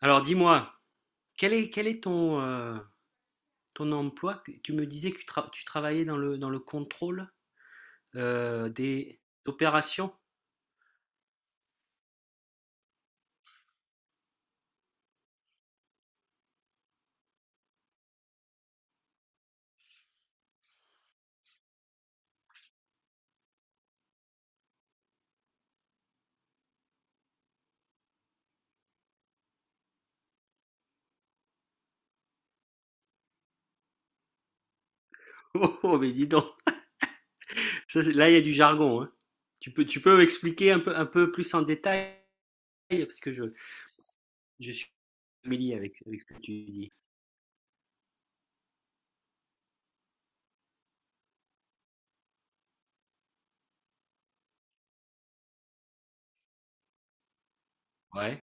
Alors dis-moi, quel est, quel est ton ton emploi? Tu me disais que tu travaillais dans le contrôle des opérations. Oh, oh, mais dis donc, là il y a du jargon, hein. Tu peux m'expliquer un peu plus en détail parce que je suis familier avec ce que tu dis. Ouais,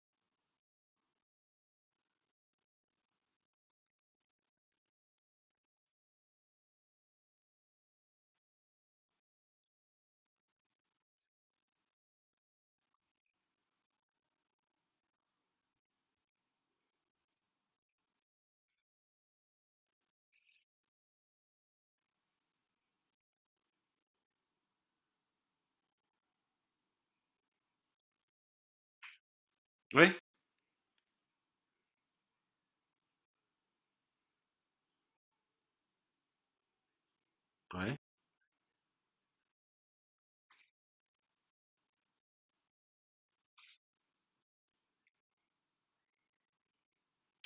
ouais, ouais,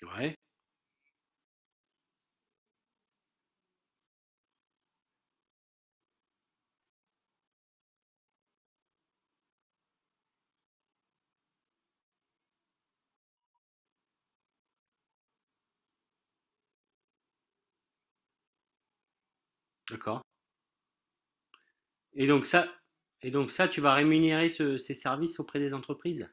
ouais, d'accord. Et donc ça, et donc ça, tu vas rémunérer ces services auprès des entreprises,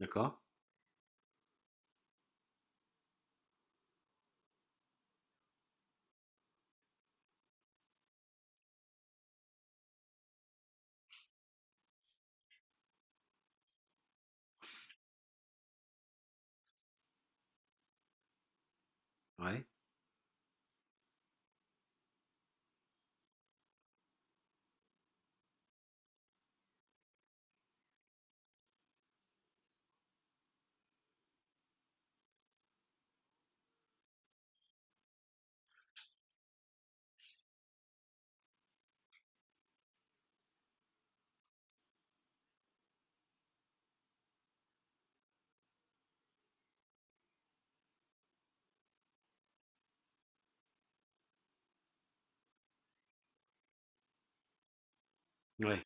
d'accord? Ouais, ouais,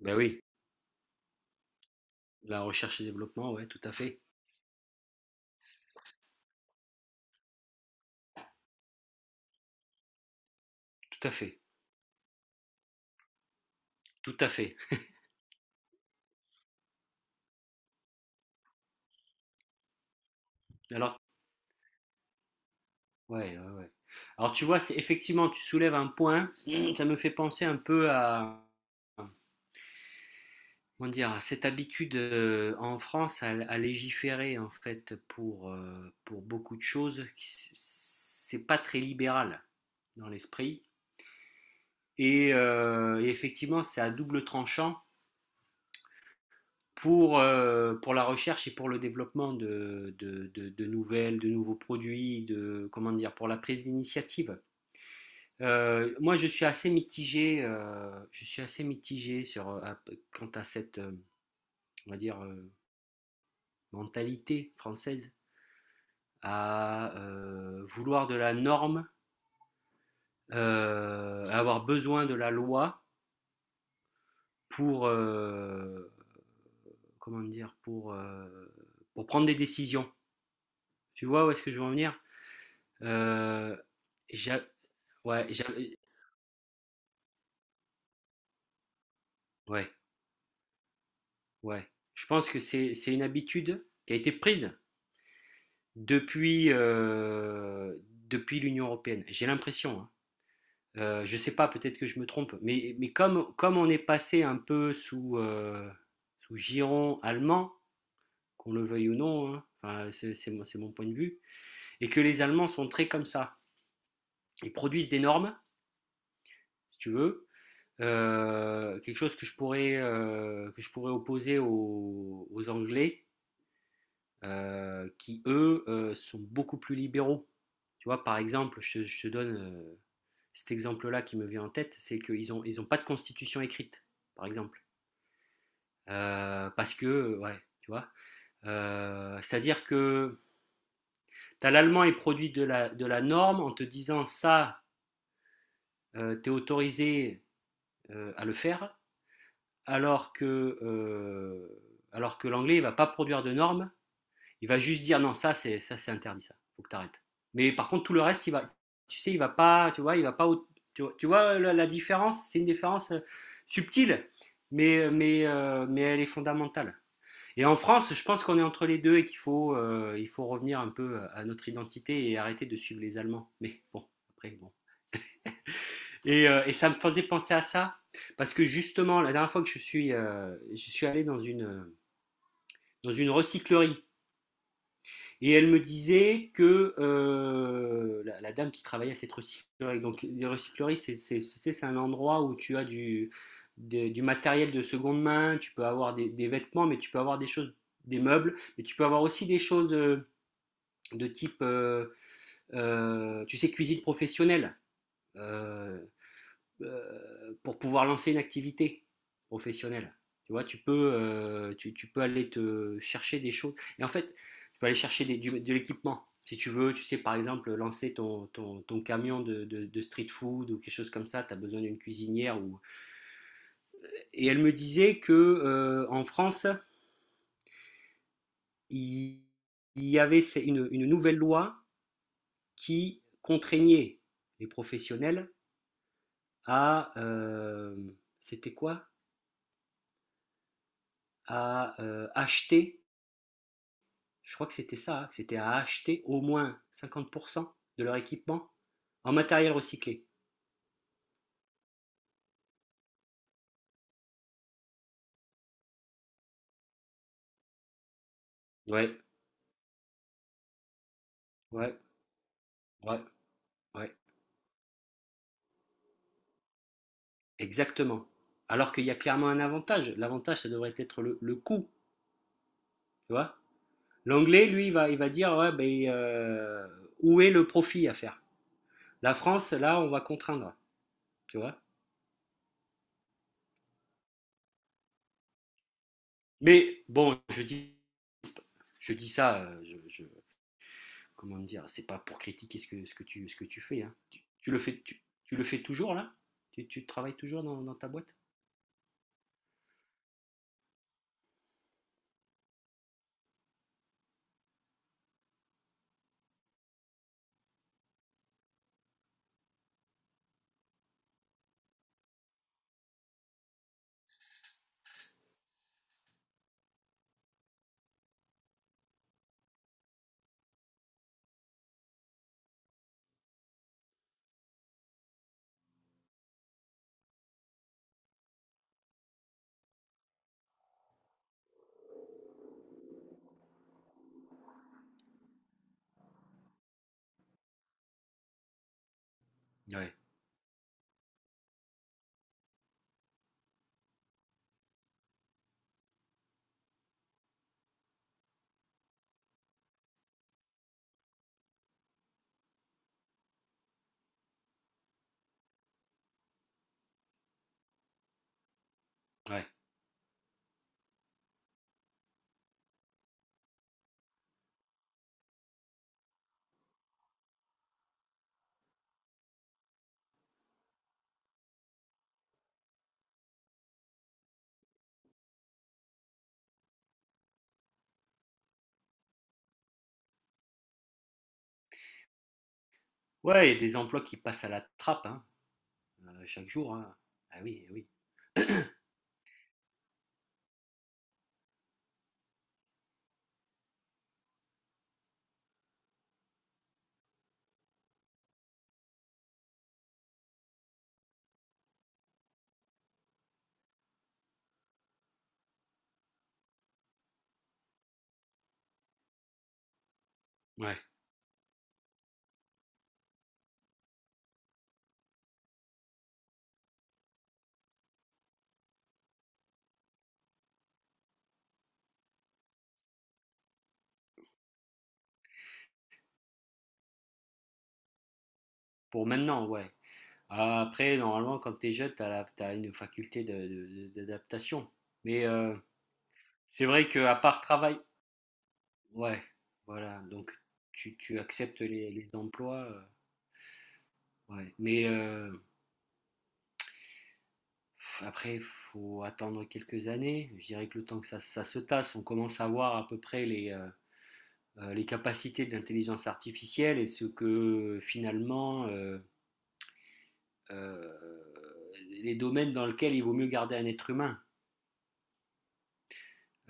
ben oui, la recherche et développement, ouais, tout à fait. Tout à fait, tout à fait. Alors, ouais, ouais, ouais. Alors tu vois, c'est effectivement, tu soulèves un point, ça me fait penser un peu à, comment dire, à cette habitude en France à légiférer en fait pour pour beaucoup de choses, c'est pas très libéral dans l'esprit. Et et effectivement, c'est à double tranchant pour pour la recherche et pour le développement de nouvelles, de nouveaux produits, de, comment dire, pour la prise d'initiative. Moi, je suis assez mitigé. Je suis assez mitigé sur, quant à cette, on va dire, mentalité française à vouloir de la norme, à avoir besoin de la loi pour, euh, pour pour prendre des décisions. Tu vois où est-ce que je veux en venir? Euh, j'a- ouais, j'a- ouais, ouais. Je pense que c'est une habitude qui a été prise depuis, euh, depuis l'Union européenne. J'ai l'impression, hein. Je ne sais pas, peut-être que je me trompe, mais comme, comme on est passé un peu sous giron allemand, qu'on le veuille ou non, hein, enfin, c'est mon point de vue, et que les Allemands sont très comme ça. Ils produisent des normes, si tu veux, quelque chose que que je pourrais opposer aux Anglais, qui eux sont beaucoup plus libéraux. Tu vois, par exemple, je te donne cet exemple-là qui me vient en tête, c'est qu'ils ont pas de constitution écrite, par exemple. Parce que ouais, tu vois. C'est-à-dire que t'as l'allemand est produit de la norme en te disant ça, t'es autorisé à le faire, alors que, euh, alors que l'anglais, il va pas produire de normes. Il va juste dire non, ça c'est interdit, ça. Faut que t'arrêtes. Mais par contre, tout le reste, il va, tu sais, il va pas, tu vois, il va pas, tu vois la différence, c'est une différence subtile, mais elle est fondamentale. Et en France, je pense qu'on est entre les deux et qu'il faut il faut revenir un peu à notre identité et arrêter de suivre les Allemands. Mais bon, après bon. Et et ça me faisait penser à ça parce que justement, la dernière fois que je suis allé dans une recyclerie. Et elle me disait que la dame qui travaillait à cette recyclerie. Donc les recycleries, c'est un endroit où tu as du matériel de seconde main, tu peux avoir des vêtements, mais tu peux avoir des choses, des meubles, mais tu peux avoir aussi des choses de type, tu sais, cuisine professionnelle. Euh, pour pouvoir lancer une activité professionnelle. Tu vois, tu peux aller te chercher des choses. Et en fait, tu peux aller chercher de l'équipement. Si tu veux, tu sais, par exemple, lancer ton camion de street food ou quelque chose comme ça, tu as besoin d'une cuisinière. Ou... Et elle me disait que en France, il, il y avait une nouvelle loi qui contraignait les professionnels à, c'était quoi? À acheter, je crois que c'était ça, hein, c'était à acheter au moins 50% de leur équipement en matériel recyclé. Ouais, ouais, ouais, ouais, exactement. Alors qu'il y a clairement un avantage. L'avantage, ça devrait être le coût, tu vois. L'anglais, lui, il va dire, ouais, ben, où est le profit à faire? La France, là, on va contraindre, tu vois. Mais bon, je dis ça, comment dire, c'est pas pour critiquer ce que, ce que tu fais. Hein. Tu le fais, le fais toujours là, tu travailles toujours dans ta boîte. Ouais, ouais. Ouais, il y a des emplois qui passent à la trappe, hein, chaque jour. Hein. Ah oui, eh oui. Ouais. Pour maintenant, ouais. Ah, après, normalement, quand t'es jeune, t'as une faculté d'adaptation. Mais c'est vrai qu'à part travail, ouais, voilà. Donc, tu acceptes les emplois. Ouais. Mais après, il faut attendre quelques années. Je dirais que le temps que ça se tasse, on commence à voir à peu près les capacités de l'intelligence artificielle et ce que finalement euh, les domaines dans lesquels il vaut mieux garder un être humain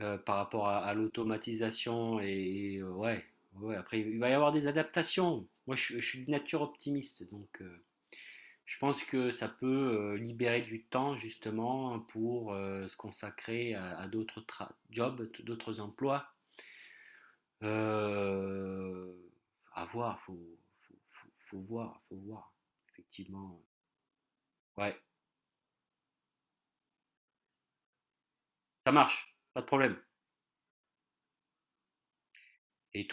par rapport à l'automatisation et ouais, ouais. Après, il va y avoir des adaptations. Moi, je suis de nature optimiste, donc je pense que ça peut libérer du temps justement pour se consacrer à d'autres jobs, d'autres emplois. Euh, à voir, faut voir, faut voir, effectivement. Ouais, ça marche, pas de problème. Et